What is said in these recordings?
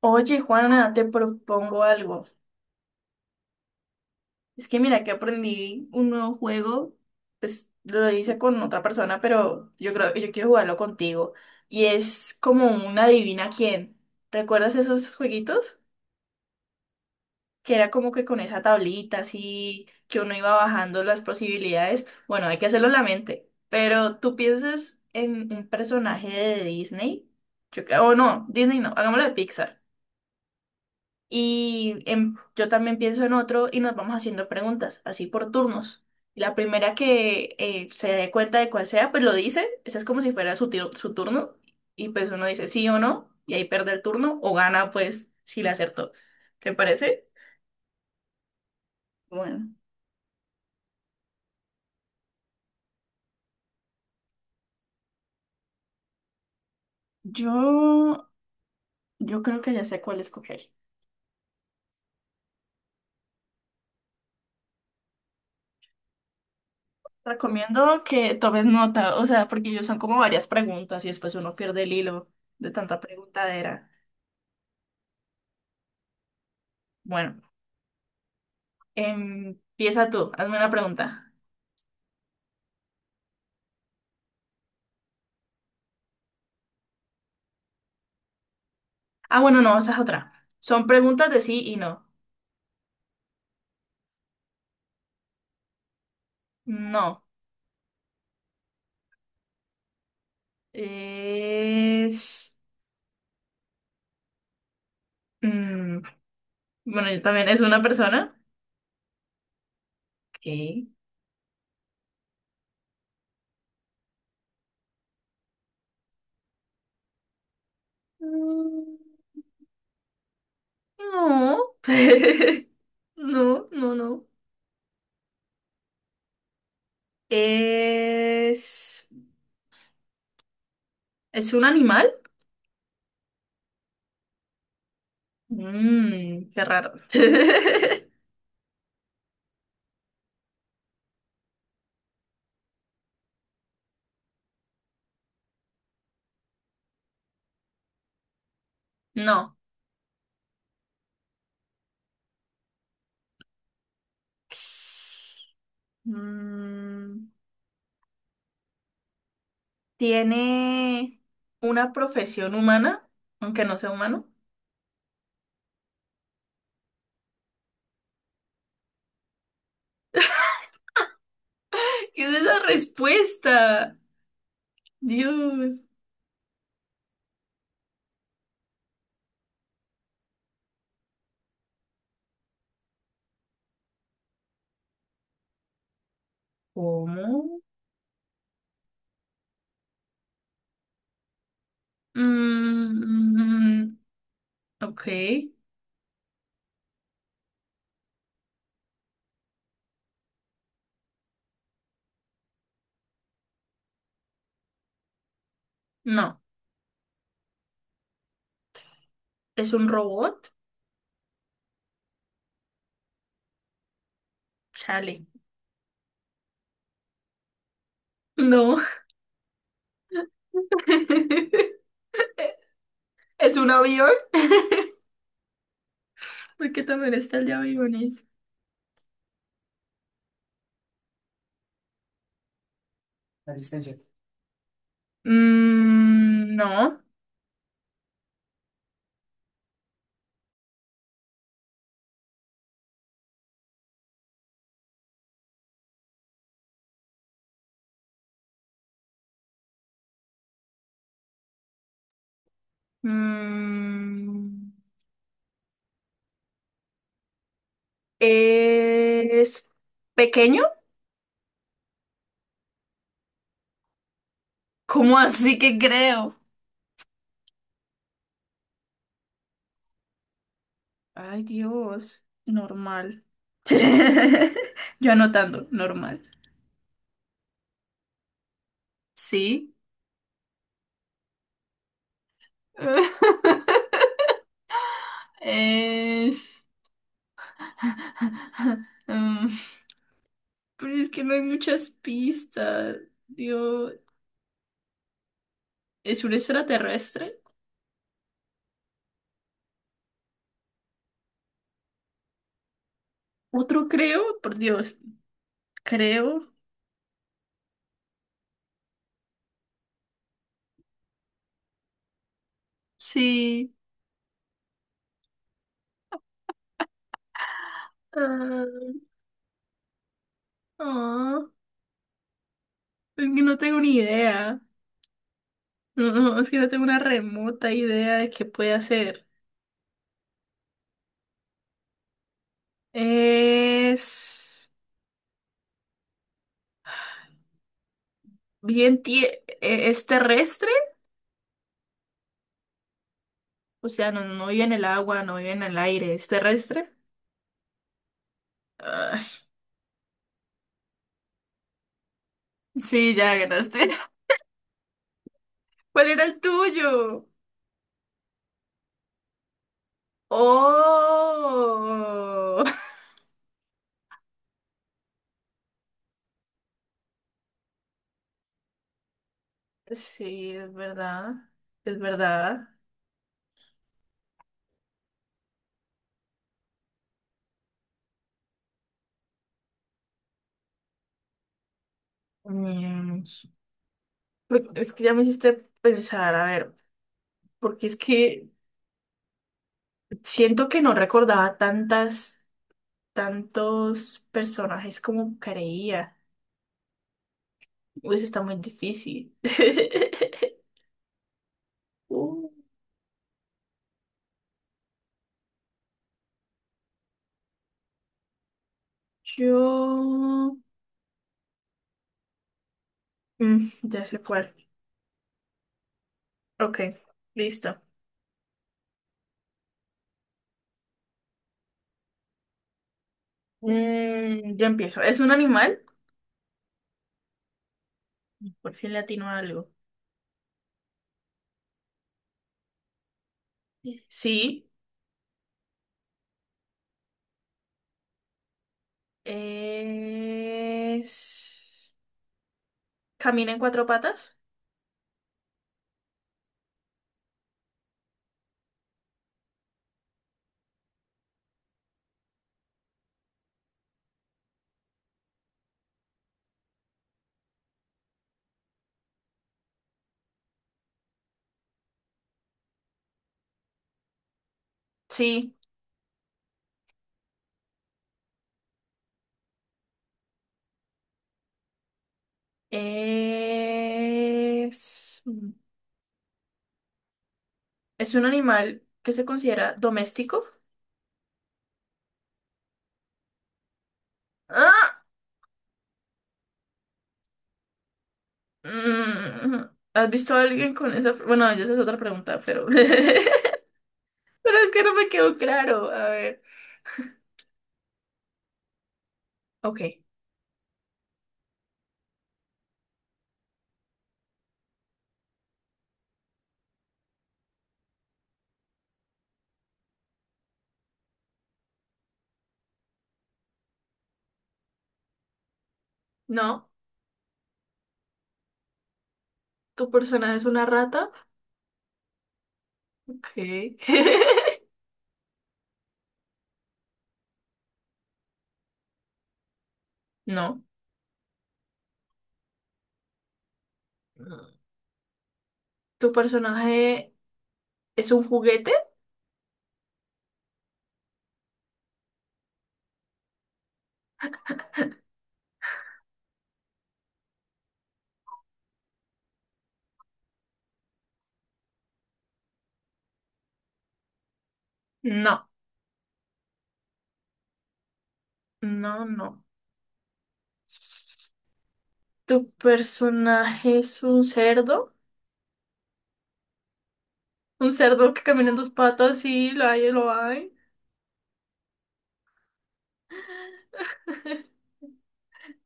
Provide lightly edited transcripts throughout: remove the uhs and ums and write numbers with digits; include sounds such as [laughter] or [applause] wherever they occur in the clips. Oye, Juana, te propongo algo. Es que mira que aprendí un nuevo juego, pues lo hice con otra persona, pero yo creo yo quiero jugarlo contigo. Y es como un adivina quién. ¿Recuerdas esos jueguitos? Que era como que con esa tablita así, que uno iba bajando las posibilidades. Bueno, hay que hacerlo en la mente. Pero tú piensas en un personaje de Disney. Yo, cre- o no, Disney no, hagámoslo de Pixar. Y yo también pienso en otro y nos vamos haciendo preguntas, así por turnos. La primera que se dé cuenta de cuál sea, pues lo dice. Ese es como si fuera su, su turno. Y pues uno dice sí o no, y ahí pierde el turno o gana, pues si le acertó. ¿Te parece? Bueno, yo, yo creo que ya sé cuál escoger. Recomiendo que tomes nota, o sea, porque ellos son como varias preguntas y después uno pierde el hilo de tanta preguntadera. Bueno, em, empieza tú, hazme una pregunta. Ah, bueno, no, esa es otra. Son preguntas de sí y no. No. Es... mm, bueno, yo también. ¿Es una persona? Ok. Mm, no. [laughs] No, no, no. ¿Es... ¿Es un animal? Mmm, qué raro. [laughs] No. Mm, ¿Tiene una profesión humana? Aunque no sea humano. [laughs] ¿Qué es esa respuesta? Dios. ¿Cómo? Mm, ok. No. ¿Es un robot? Chale. No. [laughs] ¿Es un avión? [laughs] Porque también está el de aviones. Resistencia. Mm, no. Mm, ¿Es pequeño? ¿Cómo así que creo? Ay, Dios. Normal. [laughs] Yo anotando, normal. Sí. [laughs] Es... [laughs] Mm, pero es que no hay muchas pistas. Dios, ¿es un extraterrestre? Otro creo, por Dios, creo. Sí. Ah, ah, es que no tengo ni idea. No, no, es que no tengo una remota idea de qué puede hacer. Es es terrestre, o sea, no, no vive en el agua, no vive en el aire, es terrestre. Ay, sí, ya ganaste. ¿Cuál era el tuyo? Oh, [laughs] sí, es verdad, es verdad. Mm, pero es que ya me hiciste pensar, a ver, porque es que siento que no recordaba tantas, tantos personajes como creía. Uy, eso está muy difícil. [laughs] Uh, yo... ya sé cuál. Ok, listo. Mm, ya empiezo. ¿Es un animal? Por fin le atino a algo. Sí. Es... ¿Camina en cuatro patas? Sí. Es... ¿Es un animal que se considera doméstico? ¡Ah! Mm. ¿Has visto a alguien con esa... Bueno, ya esa es otra pregunta, pero... [laughs] Pero es que no me quedó claro. A ver. Ok. No. ¿Tu personaje es una rata? Ok. [laughs] No. ¿Tu personaje es un juguete? No. No, no. ¿Tu personaje es un cerdo? ¿Un cerdo que camina en dos patas sí, lo hay, lo hay? [laughs]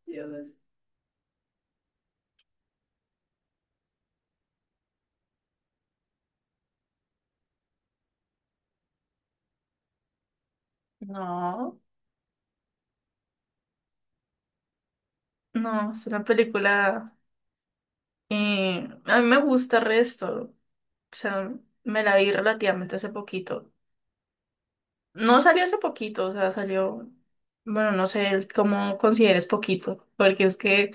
Dios. No. No, es una película... a mí me gusta el resto. O sea, me la vi relativamente hace poquito. No salió hace poquito, o sea, salió... Bueno, no sé cómo consideres poquito, porque es que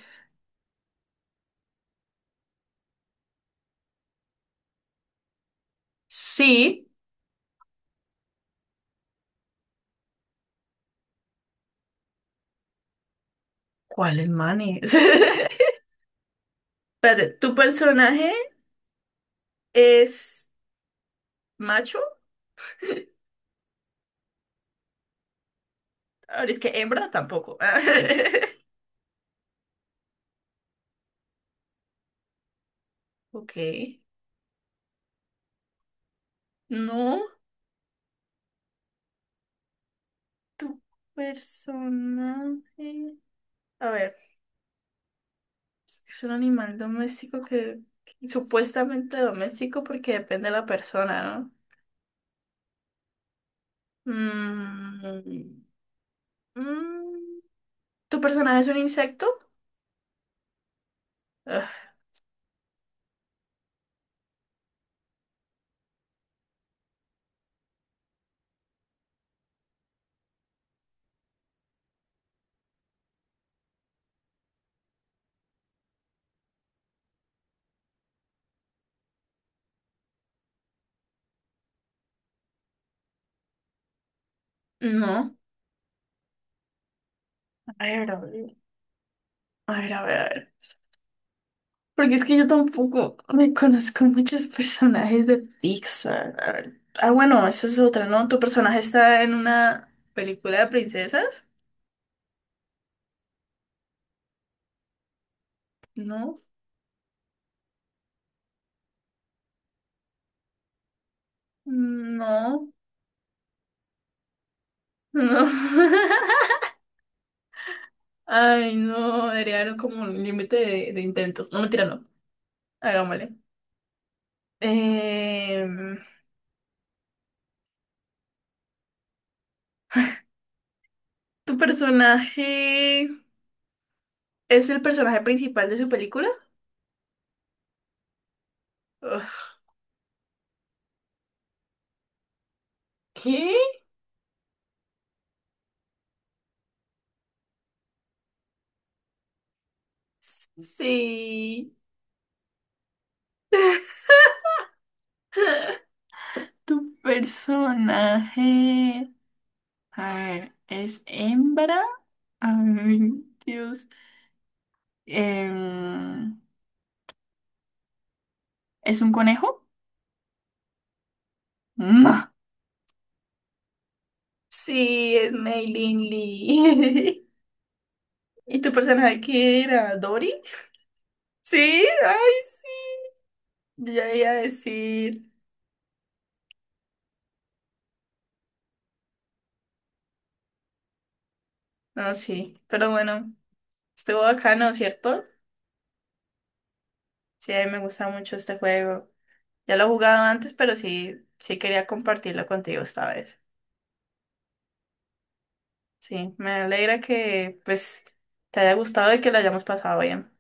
sí. ¿Cuál es Manny? [laughs] Espérate, ¿tu personaje es macho? Ahora es que hembra tampoco. [laughs] Ok. No, tu personaje. A ver, es un animal doméstico que supuestamente doméstico porque depende de la persona, ¿no? Mm, mm, ¿tu personaje es un insecto? Ugh, no. A ver, a ver, a ver, a ver. A ver. Porque es que yo tampoco [laughs] me conozco muchos personajes de Pixar. A ver. Ah, bueno, esa es otra, ¿no? ¿Tu personaje está en una película de princesas? No. No, no. [laughs] Ay, no, debería haber como un límite de intentos. No, mentira, no. Hagámosle. Em, ¿Tu personaje es el personaje principal de su película? Ugh. ¿Qué? Sí. ¿Tu personaje, a ver, es hembra? Ay, Dios. Em, ¿Es un conejo? No. Sí, es Mei Lin Lee. [laughs] ¿Y tu personaje qué era? ¿Dory? Sí, ay, yo ya iba a decir. No, sí, pero bueno, estuvo bacano, ¿cierto? Sí, a mí me gusta mucho este juego. Ya lo he jugado antes, pero sí, sí quería compartirlo contigo esta vez. Sí, me alegra que pues te haya gustado y que lo hayamos pasado bien.